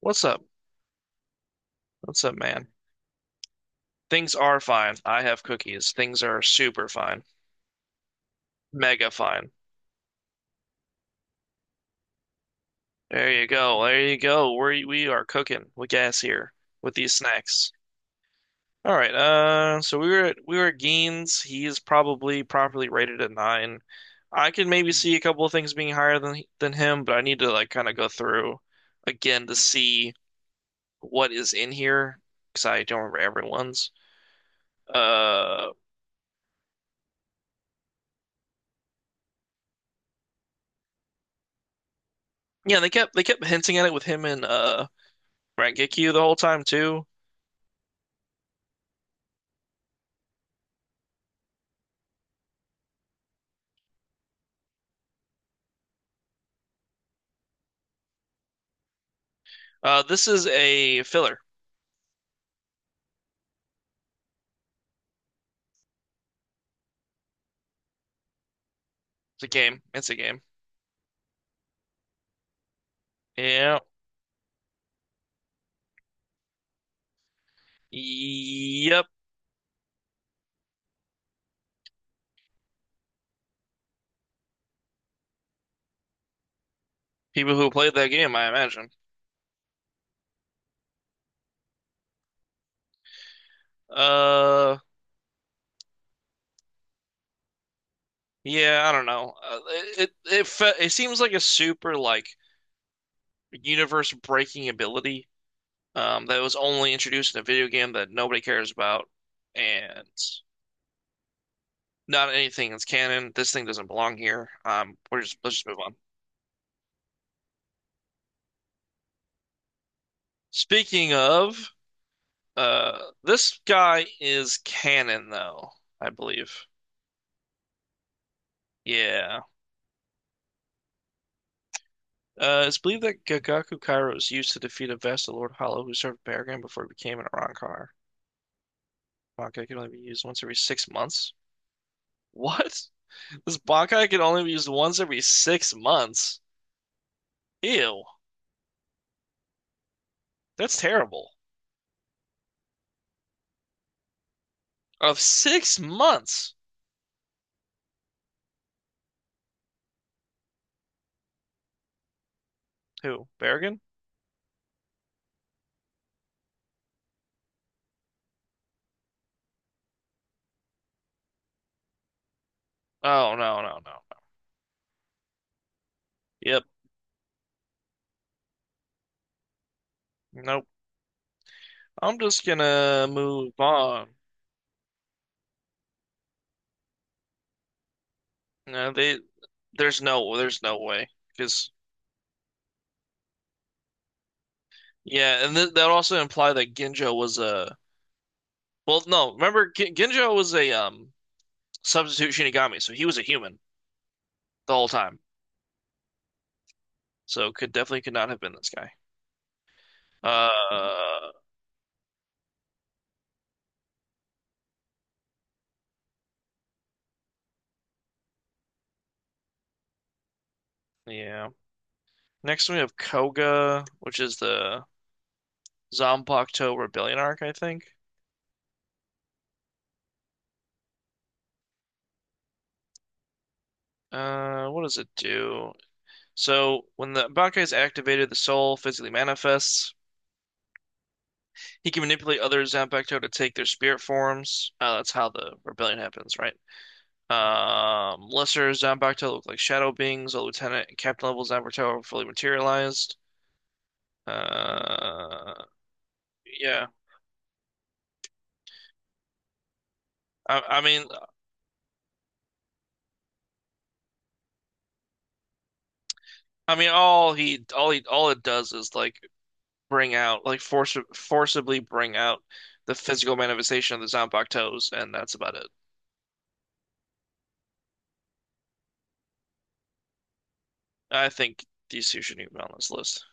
What's up? What's up, man? Things are fine. I have cookies. Things are super fine. Mega fine. There you go. There you go. We are cooking with gas here with these snacks. All right. So we were at Gein's. He is probably properly rated at nine. I could maybe see a couple of things being higher than him, but I need to like kind of go through again to see what is in here because I don't remember everyone's. Uh, yeah, they kept hinting at it with him and Rengeki the whole time too. This is a filler. It's a game. It's a game. Yeah. Yep. People who played that game, I imagine. Uh, yeah. I don't know. It seems like a super like universe breaking ability. That was only introduced in a video game that nobody cares about, and not anything that's canon. This thing doesn't belong here. We're just let's just move on. Speaking of this guy is canon, though, I believe. Yeah. It's believed that Gagaku Kairo was used to defeat a vassal Lord Hollow who served Barragan before he became an Arrancar. Bankai can only be used once every 6 months. What? This Bankai can only be used once every 6 months? Ew. That's terrible. Of 6 months? Who? Barragan? Oh, no, no, no. No. Yep. Nope. I'm just gonna move on. No, there's no way. Because Yeah, and th that also imply that Ginjo was a, well, no, remember, G Ginjo was a substitute Shinigami, so he was a human the whole time. So could definitely could not have been this guy. Uh, yeah. Next we have Koga, which is the Zanpakuto Rebellion arc, I think. What does it do? So when the Bankai is activated, the soul physically manifests. He can manipulate other Zanpakuto to take their spirit forms. That's how the rebellion happens, right? Lesser Zanbakuto look like shadow beings. A lieutenant and captain level Zanbakuto are fully materialized. Uh, yeah. I, I mean, I mean, all it does is like bring out, like force, forcibly bring out the physical manifestation of the Zanbakutos, and that's about it. I think these two shouldn't even be on this list.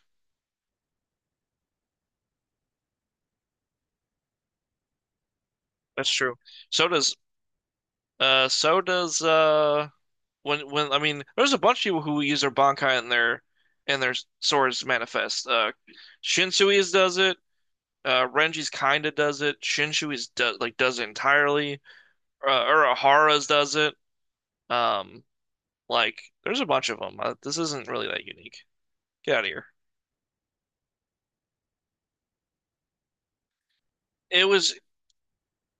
That's true. So does, so does, when I mean, there's a bunch of people who use their Bankai and their and their swords manifest. Shinsui's does it. Renji's kinda does it. Shinsui's does it entirely. Urahara's does it. Um, like there's a bunch of them. This isn't really that unique. Get out of here. It was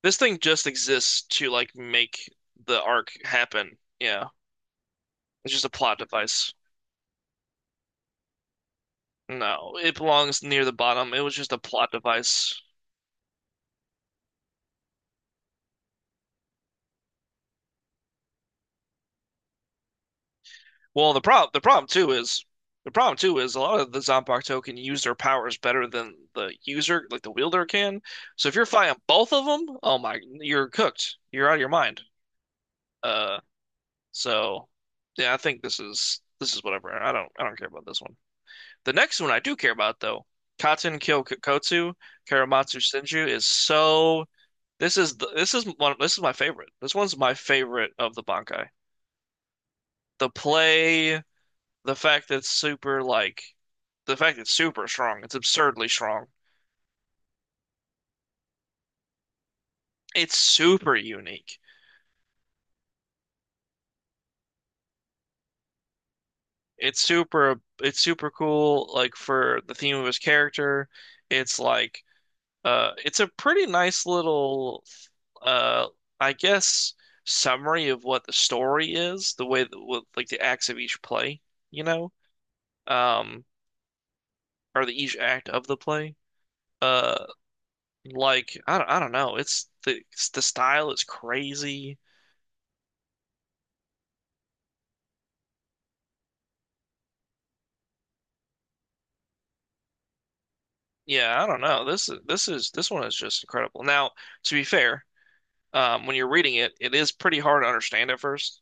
this thing just exists to like make the arc happen. Yeah, it's just a plot device. No, it belongs near the bottom. It was just a plot device. Well, the problem too is a lot of the Zombark token use their powers better than the user, like the wielder can. So if you're fighting both of them, oh my, you're cooked. You're out of your mind. Uh, so yeah, I think this is whatever. I don't care about this one. The next one I do care about though, Katen Kyokotsu Karamatsu Senju is so. This is my favorite. This one's my favorite of the Bankai. The play The fact that it's super like the fact that it's super strong, it's absurdly strong. It's super unique. It's super cool like for the theme of his character. It's like it's a pretty nice little uh I guess summary of what the story is, the way that with like the acts of each play, you know? Um or the each act of the play. Uh like I don't know. It's the style is crazy. Yeah, I don't know. This one is just incredible. Now, to be fair, when you're reading it, it is pretty hard to understand at first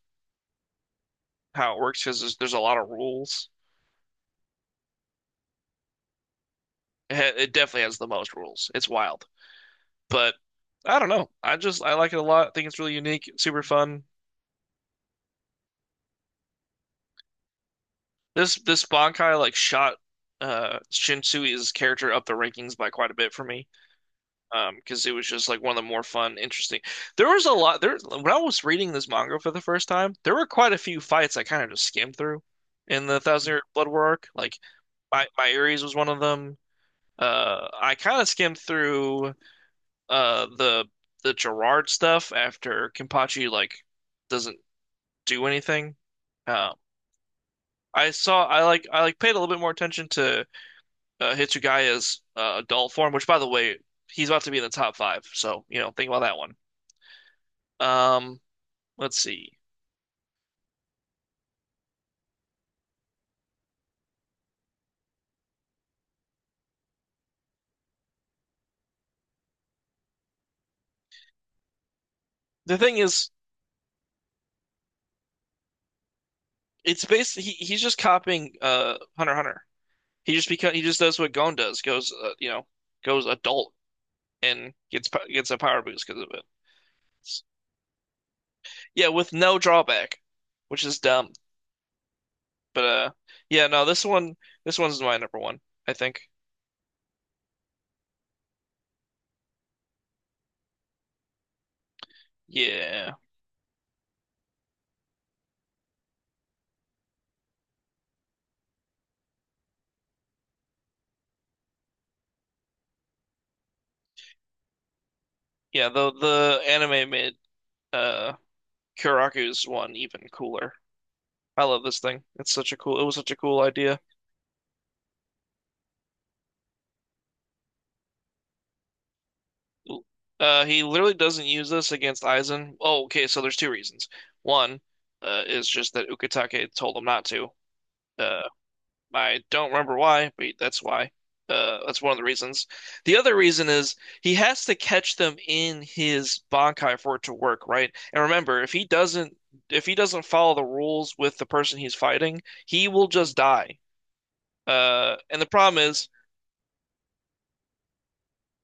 how it works because there's a lot of rules. It definitely has the most rules. It's wild, but I don't know. I like it a lot. I think it's really unique, super fun. This Bankai like shot Shinsui's character up the rankings by quite a bit for me, because it was just like one of the more fun interesting, there was a lot there when I was reading this manga for the first time. There were quite a few fights I kind of just skimmed through in the Thousand Year Blood War arc, like my Ares was one of them. I kind of skimmed through uh the the Gerard stuff after Kenpachi like doesn't do anything. Um I saw I like I like paid a little bit more attention to Hitsugaya's adult form, which by the way, he's about to be in the top five, so think about that one. Um, let's see. The thing is, it's basically he's just copying Hunter x Hunter. He just does what Gon does, goes adult and gets a power boost because of it. Yeah, with no drawback, which is dumb. But yeah, no, this one's my number one, I think. Yeah. Yeah, the anime made uh Kyoraku's one even cooler. I love this thing. It was such a cool idea. He literally doesn't use this against Aizen. Oh, okay, so there's two reasons. One, is just that Ukitake told him not to. Uh, I don't remember why, but that's why. That's one of the reasons. The other reason is he has to catch them in his Bankai for it to work, right? And remember, if he doesn't follow the rules with the person he's fighting, he will just die. And the problem is.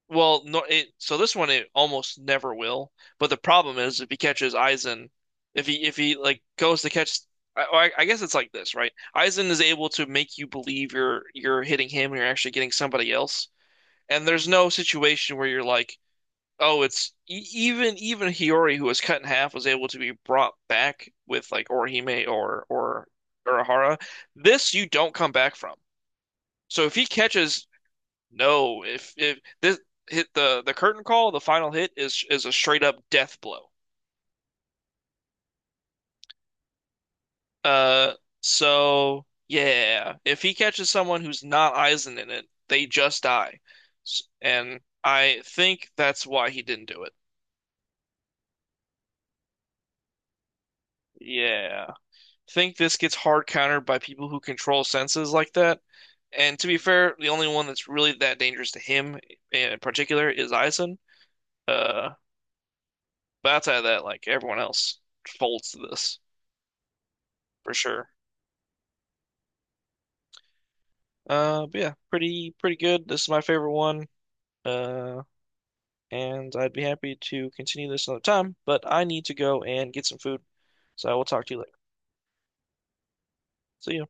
Well, no, so this one it almost never will. But the problem is if he catches Aizen, if he like goes to catch, I guess it's like this, right? Aizen is able to make you believe you're hitting him and you're actually getting somebody else. And there's no situation where you're like, oh, it's e even even Hiyori who was cut in half was able to be brought back with like Orihime or Urahara. This you don't come back from. So if he catches no, if this hit the curtain call, the final hit is a straight up death blow. Uh, so yeah, if he catches someone who's not Aizen in it, they just die. And I think that's why he didn't do it. Yeah. Think this gets hard countered by people who control senses like that. And to be fair, the only one that's really that dangerous to him in particular is Aizen. Uh, but outside of that, like everyone else folds to this for sure. But yeah, pretty good. This is my favorite one. Uh, and I'd be happy to continue this another time, but I need to go and get some food. So I will talk to you later. See you.